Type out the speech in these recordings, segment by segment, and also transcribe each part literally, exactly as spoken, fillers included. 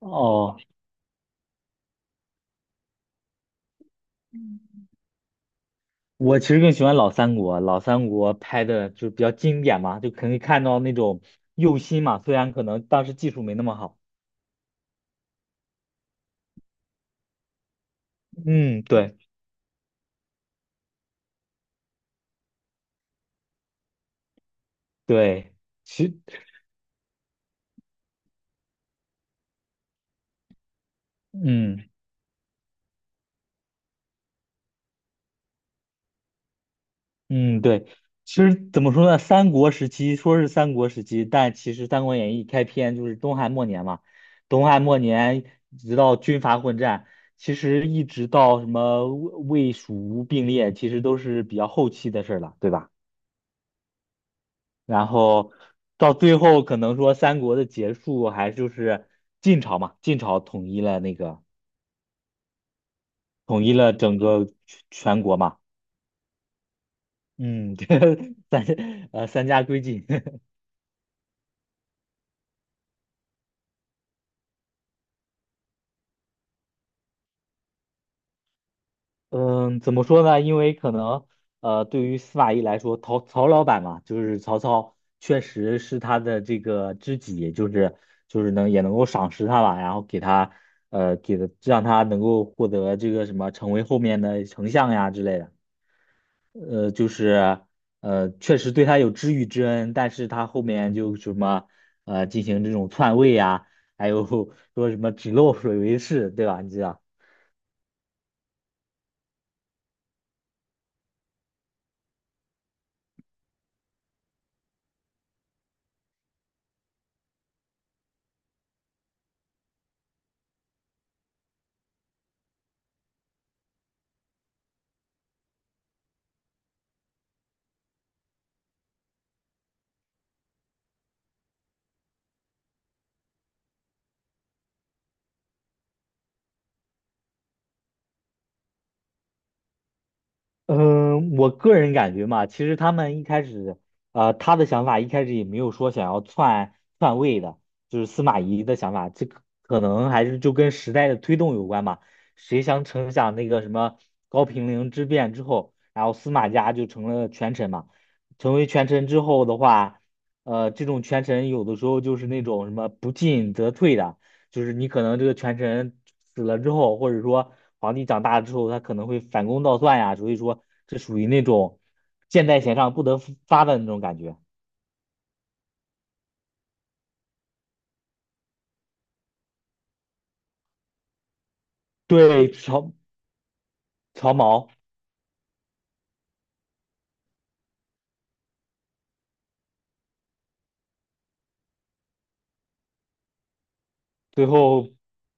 哦，我其实更喜欢老三国，老三国拍的就是比较经典嘛，就可以看到那种用心嘛，虽然可能当时技术没那么好。嗯，对对，其嗯嗯对，其实怎么说呢，三国时期说是三国时期，但其实《三国演义》开篇就是东汉末年嘛，东汉末年直到军阀混战，其实一直到什么魏魏蜀吴并列，其实都是比较后期的事儿了，对吧？然后到最后可能说三国的结束还就是晋朝嘛，晋朝统一了那个统一了整个全全国嘛，嗯，这三呃三家归晋，嗯，怎么说呢？因为可能呃对于司马懿来说，曹曹老板嘛，就是曹操确实是他的这个知己，就是就是能也能够赏识他吧，然后给他呃给的让他能够获得这个什么成为后面的丞相呀之类的。呃，就是呃，确实对他有知遇之恩，但是他后面就什么呃，进行这种篡位呀、还有 说什么指鹿为马，对吧？你知道。嗯，我个人感觉嘛，其实他们一开始，呃，他的想法一开始也没有说想要篡篡位的，就是司马懿的想法，这个可能还是就跟时代的推动有关嘛。谁想成想那个什么高平陵之变之后，然后司马家就成了权臣嘛。成为权臣之后的话，呃，这种权臣有的时候就是那种什么不进则退的，就是你可能这个权臣死了之后，或者说皇帝长大之后，他可能会反攻倒算呀，所以说这属于那种箭在弦上不得不发的那种感觉。对，曹曹毛，最后，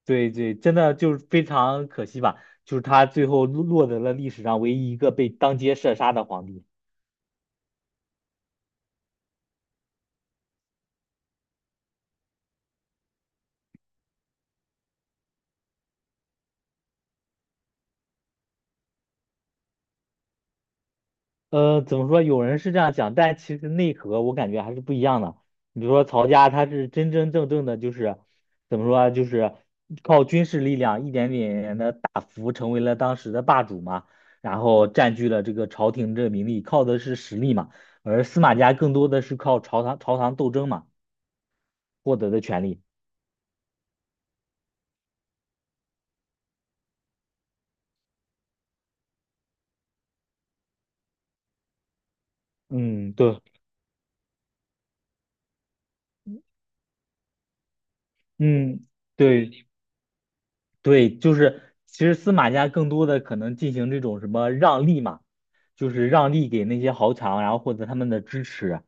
对对，真的就是非常可惜吧，就是他最后落落得了历史上唯一一个被当街射杀的皇帝。呃，怎么说？有人是这样讲，但其实内核我感觉还是不一样的。你比如说曹家，他是真真正正的，就是怎么说啊就是靠军事力量一点点的大幅成为了当时的霸主嘛，然后占据了这个朝廷这个名利，靠的是实力嘛。而司马家更多的是靠朝堂朝堂斗争嘛获得的权利。嗯，对，嗯，对对，就是其实司马家更多的可能进行这种什么让利嘛。就是让利给那些豪强，然后获得他们的支持，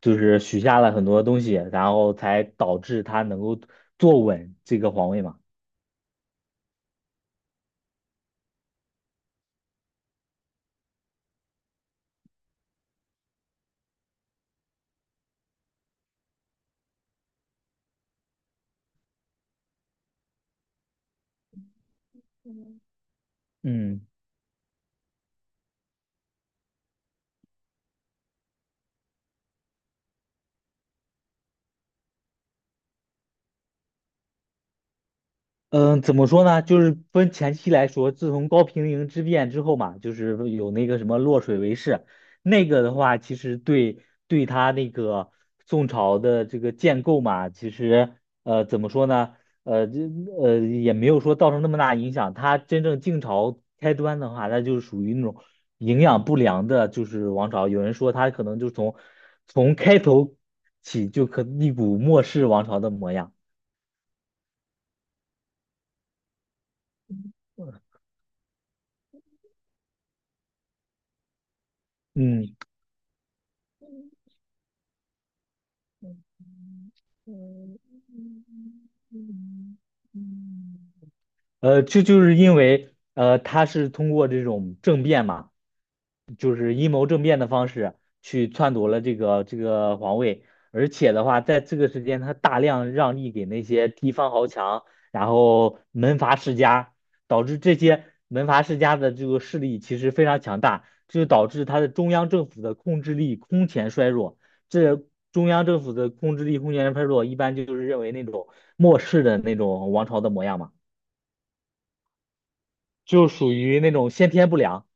就是许下了很多东西，然后才导致他能够坐稳这个皇位嘛。嗯，嗯嗯，怎么说呢？就是分前期来说，自从高平陵之变之后嘛，就是有那个什么洛水为誓，那个的话，其实对对他那个宋朝的这个建构嘛，其实呃怎么说呢？呃，这呃也没有说造成那么大影响。他真正晋朝开端的话，那就是属于那种营养不良的，就是王朝。有人说他可能就从从开头起就可一股末世王朝的模样。嗯。呃，这就是因为呃，他是通过这种政变嘛，就是阴谋政变的方式去篡夺了这个这个皇位，而且的话，在这个时间，他大量让利给那些地方豪强，然后门阀世家，导致这些门阀世家的这个势力其实非常强大，这就导致他的中央政府的控制力空前衰弱。这中央政府的控制力空前衰弱，一般就是认为那种末世的那种王朝的模样嘛。就属于那种先天不良，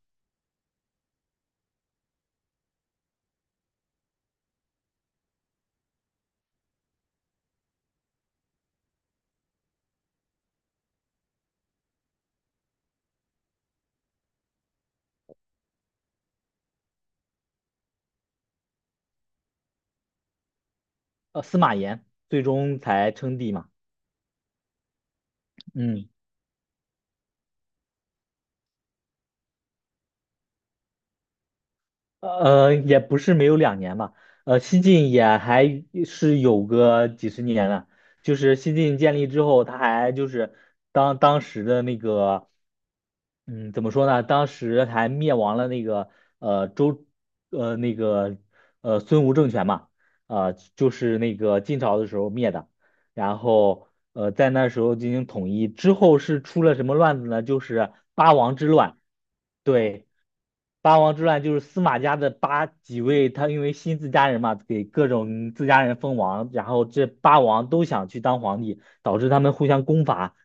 呃，司马炎，最终才称帝嘛。嗯，呃，也不是没有两年吧，呃，西晋也还是有个几十年了。就是西晋建立之后，他还就是当当时的那个，嗯，怎么说呢？当时还灭亡了那个呃周，呃那个呃孙吴政权嘛，呃，就是那个晋朝的时候灭的。然后呃，在那时候进行统一之后是出了什么乱子呢？就是八王之乱。对，八王之乱就是司马家的八几位，他因为新自家人嘛，给各种自家人封王，然后这八王都想去当皇帝，导致他们互相攻伐，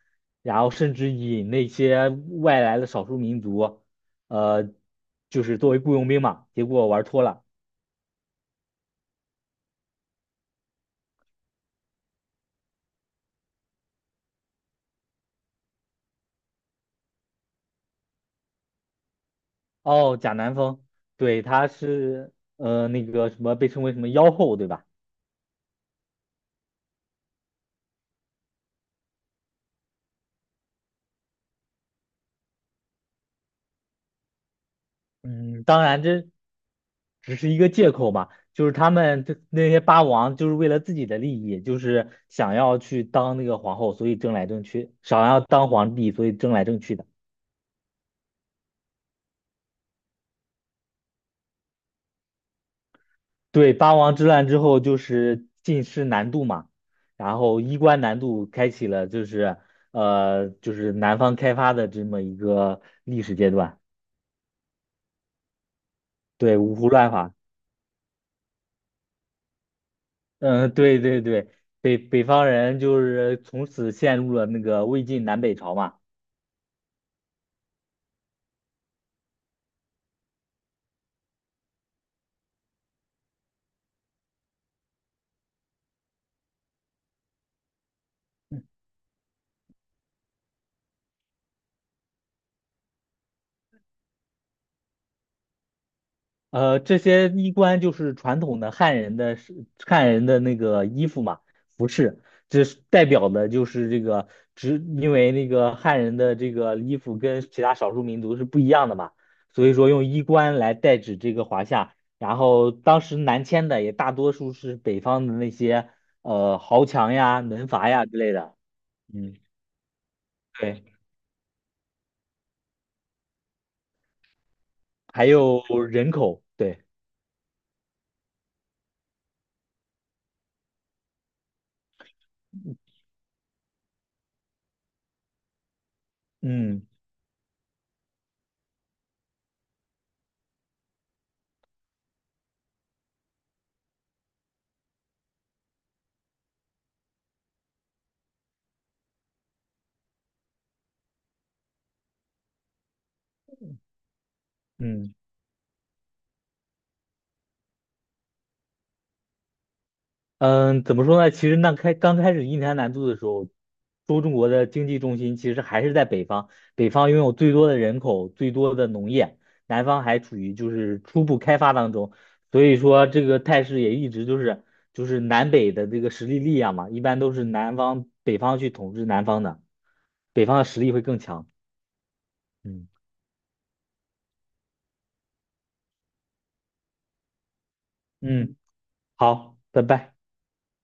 然后甚至引那些外来的少数民族，呃，就是作为雇佣兵嘛，结果玩脱了。哦，贾南风，对，他是呃那个什么被称为什么妖后，对吧？嗯，当然这只是一个借口嘛，就是他们这那些八王就是为了自己的利益，就是想要去当那个皇后，所以争来争去，想要当皇帝，所以争来争去的。对，八王之乱之后就是进士南渡嘛，然后衣冠南渡开启了就是呃就是南方开发的这么一个历史阶段。对，五胡乱华。嗯，对对对，北北方人就是从此陷入了那个魏晋南北朝嘛。呃，这些衣冠就是传统的汉人的是汉人的那个衣服嘛，服饰，这是代表的就是这个，只因为那个汉人的这个衣服跟其他少数民族是不一样的嘛，所以说用衣冠来代指这个华夏。然后当时南迁的也大多数是北方的那些呃豪强呀、门阀呀之类的。嗯，对。还有人口，对，嗯嗯嗯，怎么说呢？其实那开刚开始印太南渡的时候，中中国的经济重心其实还是在北方，北方拥有最多的人口，最多的农业，南方还处于就是初步开发当中，所以说这个态势也一直就是就是南北的这个实力力量嘛，一般都是南方北方去统治南方的，北方的实力会更强。嗯嗯，好，拜拜。